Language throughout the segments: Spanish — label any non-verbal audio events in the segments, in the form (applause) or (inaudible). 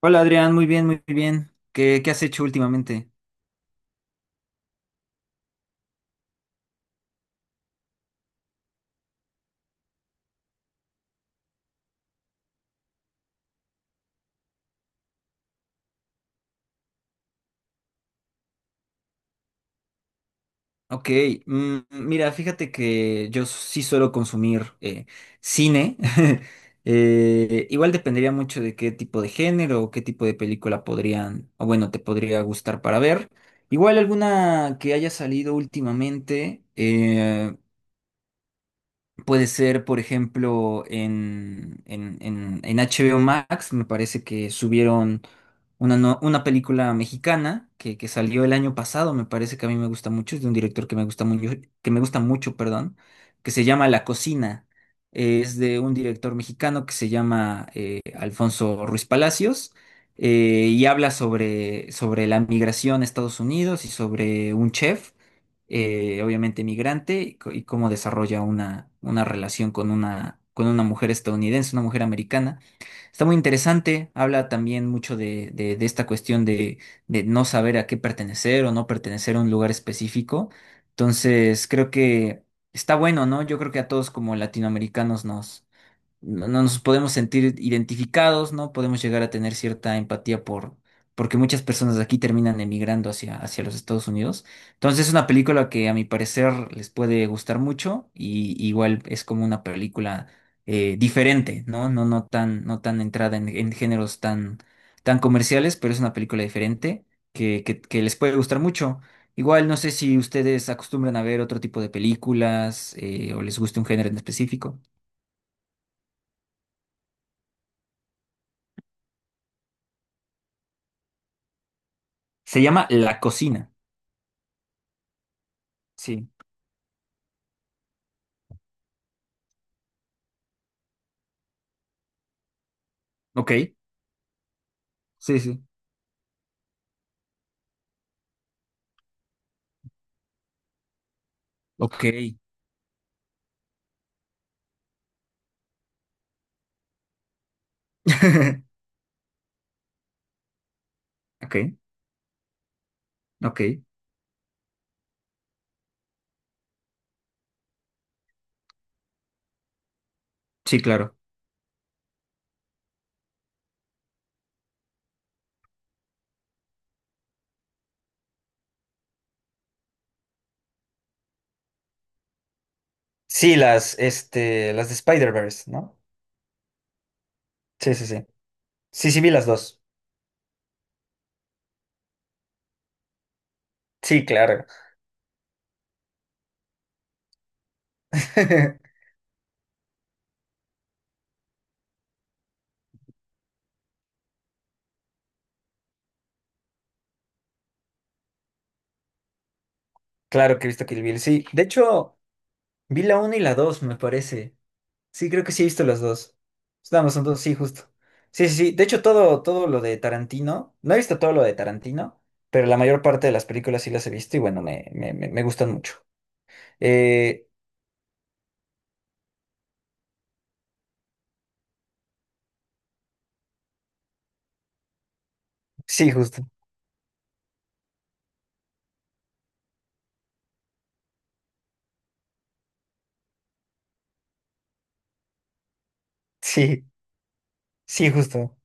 Hola Adrián, muy bien, muy bien. ¿¿Qué has hecho últimamente? Ok, mm, mira, fíjate que yo sí suelo consumir cine. (laughs) Igual dependería mucho de qué tipo de género o qué tipo de película podrían, o bueno, te podría gustar para ver. Igual alguna que haya salido últimamente. Puede ser, por ejemplo, en HBO Max. Me parece que subieron una, una película mexicana que salió el año pasado, me parece que a mí me gusta mucho. Es de un director que me gusta mucho, que me gusta mucho, perdón, que se llama La Cocina. Es de un director mexicano que se llama Alfonso Ruiz Palacios, y habla sobre, sobre la migración a Estados Unidos y sobre un chef, obviamente migrante, y, y cómo desarrolla una relación con una mujer estadounidense, una mujer americana. Está muy interesante, habla también mucho de esta cuestión de no saber a qué pertenecer o no pertenecer a un lugar específico. Entonces, creo que está bueno, ¿no? Yo creo que a todos como latinoamericanos nos, no nos podemos sentir identificados, ¿no? Podemos llegar a tener cierta empatía por, porque muchas personas de aquí terminan emigrando hacia, hacia los Estados Unidos. Entonces es una película que a mi parecer les puede gustar mucho y igual es como una película diferente, ¿no? No, no tan, no tan entrada en géneros tan, tan comerciales, pero es una película diferente que les puede gustar mucho. Igual no sé si ustedes acostumbran a ver otro tipo de películas o les guste un género en específico. Se llama La Cocina. Sí. Ok, sí, sí. Ok. (laughs) Ok. Ok. Sí, claro. Sí, las, este, las de Spider-Verse, ¿no? Sí, sí, sí. Sí, sí, vi las dos. Sí, claro. (laughs) Claro que he visto Kill Bill, sí. De hecho, vi la 1 y la dos me parece. Sí, creo que sí he visto las dos. Nada más son dos, sí, justo. Sí, sí, sí. De hecho, todo, todo lo de Tarantino, no he visto todo lo de Tarantino, pero la mayor parte de las películas sí las he visto y bueno, me gustan mucho. Eh, Sí, justo. Sí, sí, justo.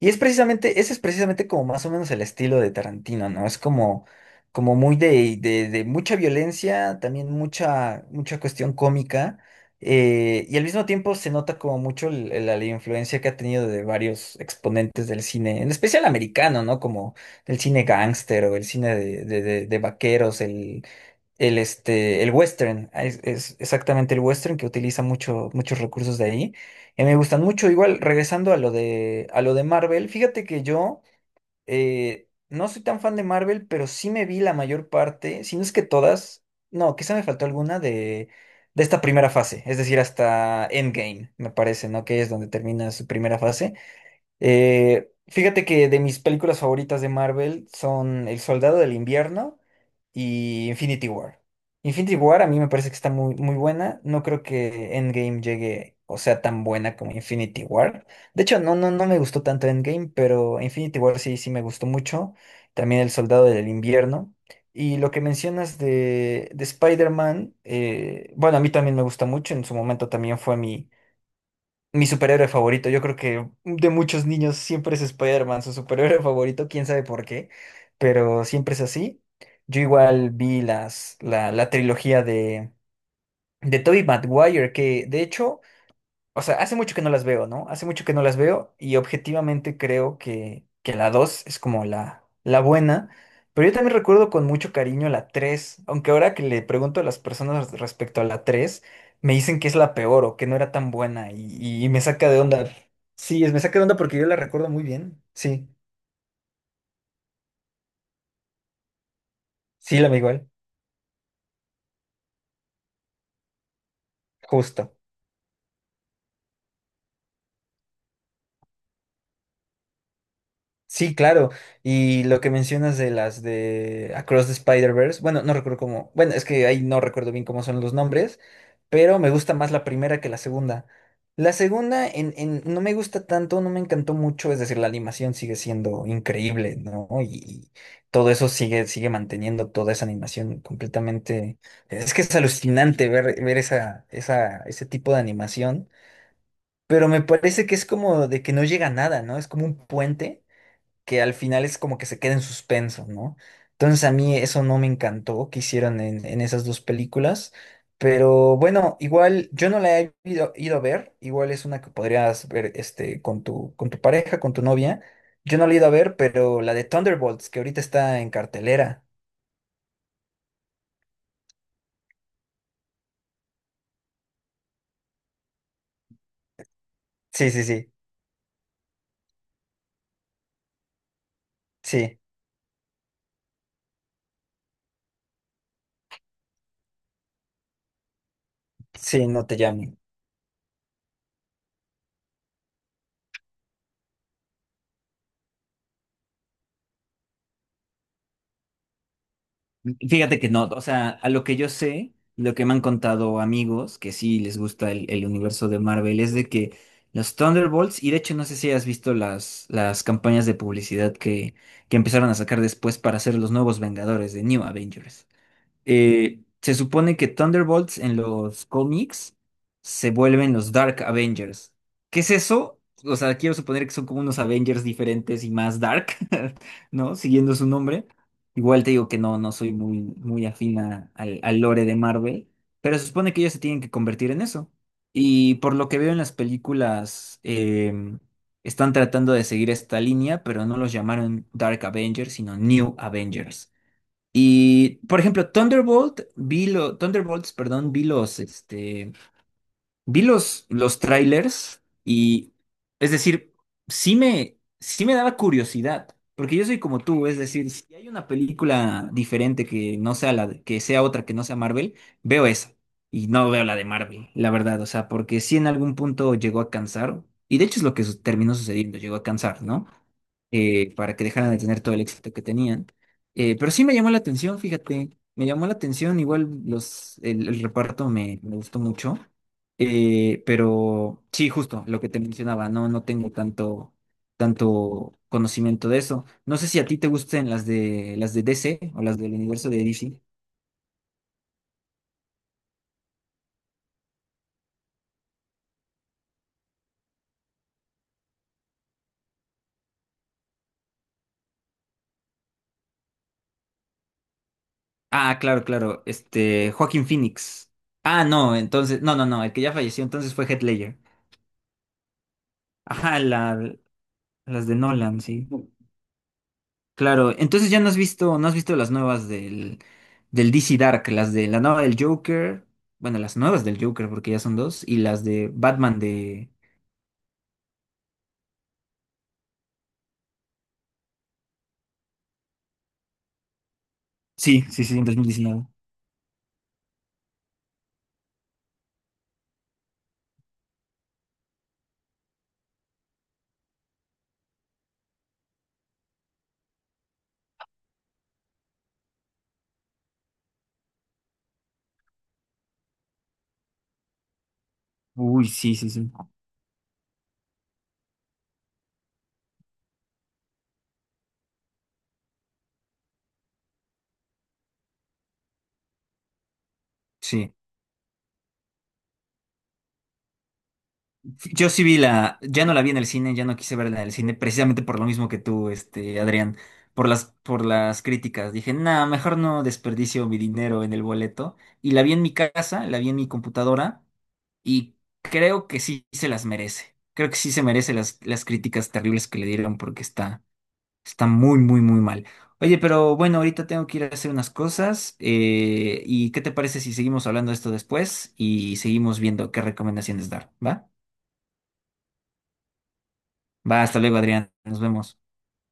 Y es precisamente, ese es precisamente como más o menos el estilo de Tarantino, ¿no? Es como, como muy de mucha violencia, también mucha, mucha cuestión cómica, y al mismo tiempo se nota como mucho la, influencia que ha tenido de varios exponentes del cine, en especial americano, ¿no? Como el cine gángster o el cine de vaqueros, el, este, el western, ah, es exactamente el western que utiliza mucho, muchos recursos de ahí. Y me gustan mucho. Igual, regresando a lo de Marvel, fíjate que yo, no soy tan fan de Marvel, pero sí me vi la mayor parte, si no es que todas, no, quizá me faltó alguna de esta primera fase, es decir, hasta Endgame, me parece, ¿no? Que es donde termina su primera fase. Fíjate que de mis películas favoritas de Marvel son El Soldado del Invierno y Infinity War. Infinity War a mí me parece que está muy, muy buena. No creo que Endgame llegue o sea tan buena como Infinity War. De hecho, no me gustó tanto Endgame, pero Infinity War sí, sí me gustó mucho. También El Soldado del Invierno. Y lo que mencionas de Spider-Man, bueno, a mí también me gusta mucho. En su momento también fue mi superhéroe favorito, yo creo que de muchos niños siempre es Spider-Man, su superhéroe favorito, quién sabe por qué, pero siempre es así. Yo igual vi las, la trilogía de Tobey Maguire, que de hecho, o sea, hace mucho que no las veo, ¿no? Hace mucho que no las veo y objetivamente creo que la 2 es como la buena, pero yo también recuerdo con mucho cariño la 3, aunque ahora que le pregunto a las personas respecto a la 3, me dicen que es la peor o que no era tan buena y me saca de onda. Sí, me saca de onda porque yo la recuerdo muy bien. Sí, sí, la veo igual, justo. Sí, claro. Y lo que mencionas de las de Across the Spider-Verse, bueno, no recuerdo cómo, bueno, es que ahí no recuerdo bien cómo son los nombres, pero me gusta más la primera que la segunda. La segunda no me gusta tanto, no me encantó mucho, es decir, la animación sigue siendo increíble, ¿no? Y todo eso sigue, sigue manteniendo toda esa animación completamente. Es que es alucinante ver, ver esa, esa, ese tipo de animación, pero me parece que es como de que no llega a nada, ¿no? Es como un puente que al final es como que se queda en suspenso, ¿no? Entonces a mí eso no me encantó que hicieron en esas dos películas, pero bueno, igual yo no la he ido a ver. Igual es una que podrías ver este, con tu pareja, con tu novia. Yo no la he ido a ver, pero la de Thunderbolts, que ahorita está en cartelera. Sí, sí, sí, sí, sí, no te llamo. Fíjate que no, o sea, a lo que yo sé, lo que me han contado amigos que sí les gusta el universo de Marvel es de que los Thunderbolts, y de hecho no sé si has visto las campañas de publicidad que empezaron a sacar después para hacer los nuevos Vengadores de New Avengers. Se supone que Thunderbolts en los cómics se vuelven los Dark Avengers. ¿Qué es eso? O sea, quiero suponer que son como unos Avengers diferentes y más dark, (laughs) ¿no? Siguiendo su nombre. Igual te digo que no, no soy muy, muy afín al, al lore de Marvel, pero se supone que ellos se tienen que convertir en eso. Y por lo que veo en las películas, están tratando de seguir esta línea, pero no los llamaron Dark Avengers, sino New Avengers. Y, por ejemplo, Thunderbolts, perdón, vi los, este, vi los trailers y, es decir, sí me daba curiosidad, porque yo soy como tú, es decir, si hay una película diferente que no sea la, que sea otra que no sea Marvel, veo esa y no veo la de Marvel, la verdad, o sea, porque sí en algún punto llegó a cansar, y de hecho es lo que terminó sucediendo, llegó a cansar, ¿no? Para que dejaran de tener todo el éxito que tenían. Pero sí me llamó la atención, fíjate, me llamó la atención, igual los, el reparto me gustó mucho. Pero sí, justo lo que te mencionaba, no, no tengo tanto, tanto conocimiento de eso. No sé si a ti te gusten las de DC o las del universo de DC. Ah, claro, claro. Este, Joaquín Phoenix. Ah, no, entonces, no, el que ya falleció entonces fue Heath Ledger. Ajá, las de Nolan, sí. Claro, entonces ya no has visto, no has visto las nuevas del, del DC Dark, las de la nueva del Joker, bueno, las nuevas del Joker, porque ya son dos, y las de Batman de... Sí, sí, sí, en 2019. Uy, sí, sí, sí. Sí. Yo sí vi la, ya no la vi en el cine, ya no quise verla en el cine, precisamente por lo mismo que tú, este, Adrián, por las críticas. Dije, nada, mejor no desperdicio mi dinero en el boleto. Y la vi en mi casa, la vi en mi computadora, y creo que sí se las merece. Creo que sí se merece las críticas terribles que le dieron porque está, está muy, muy, muy mal. Oye, pero bueno, ahorita tengo que ir a hacer unas cosas. ¿Y qué te parece si seguimos hablando de esto después y seguimos viendo qué recomendaciones dar? ¿Va? Va, hasta luego, Adrián. Nos vemos.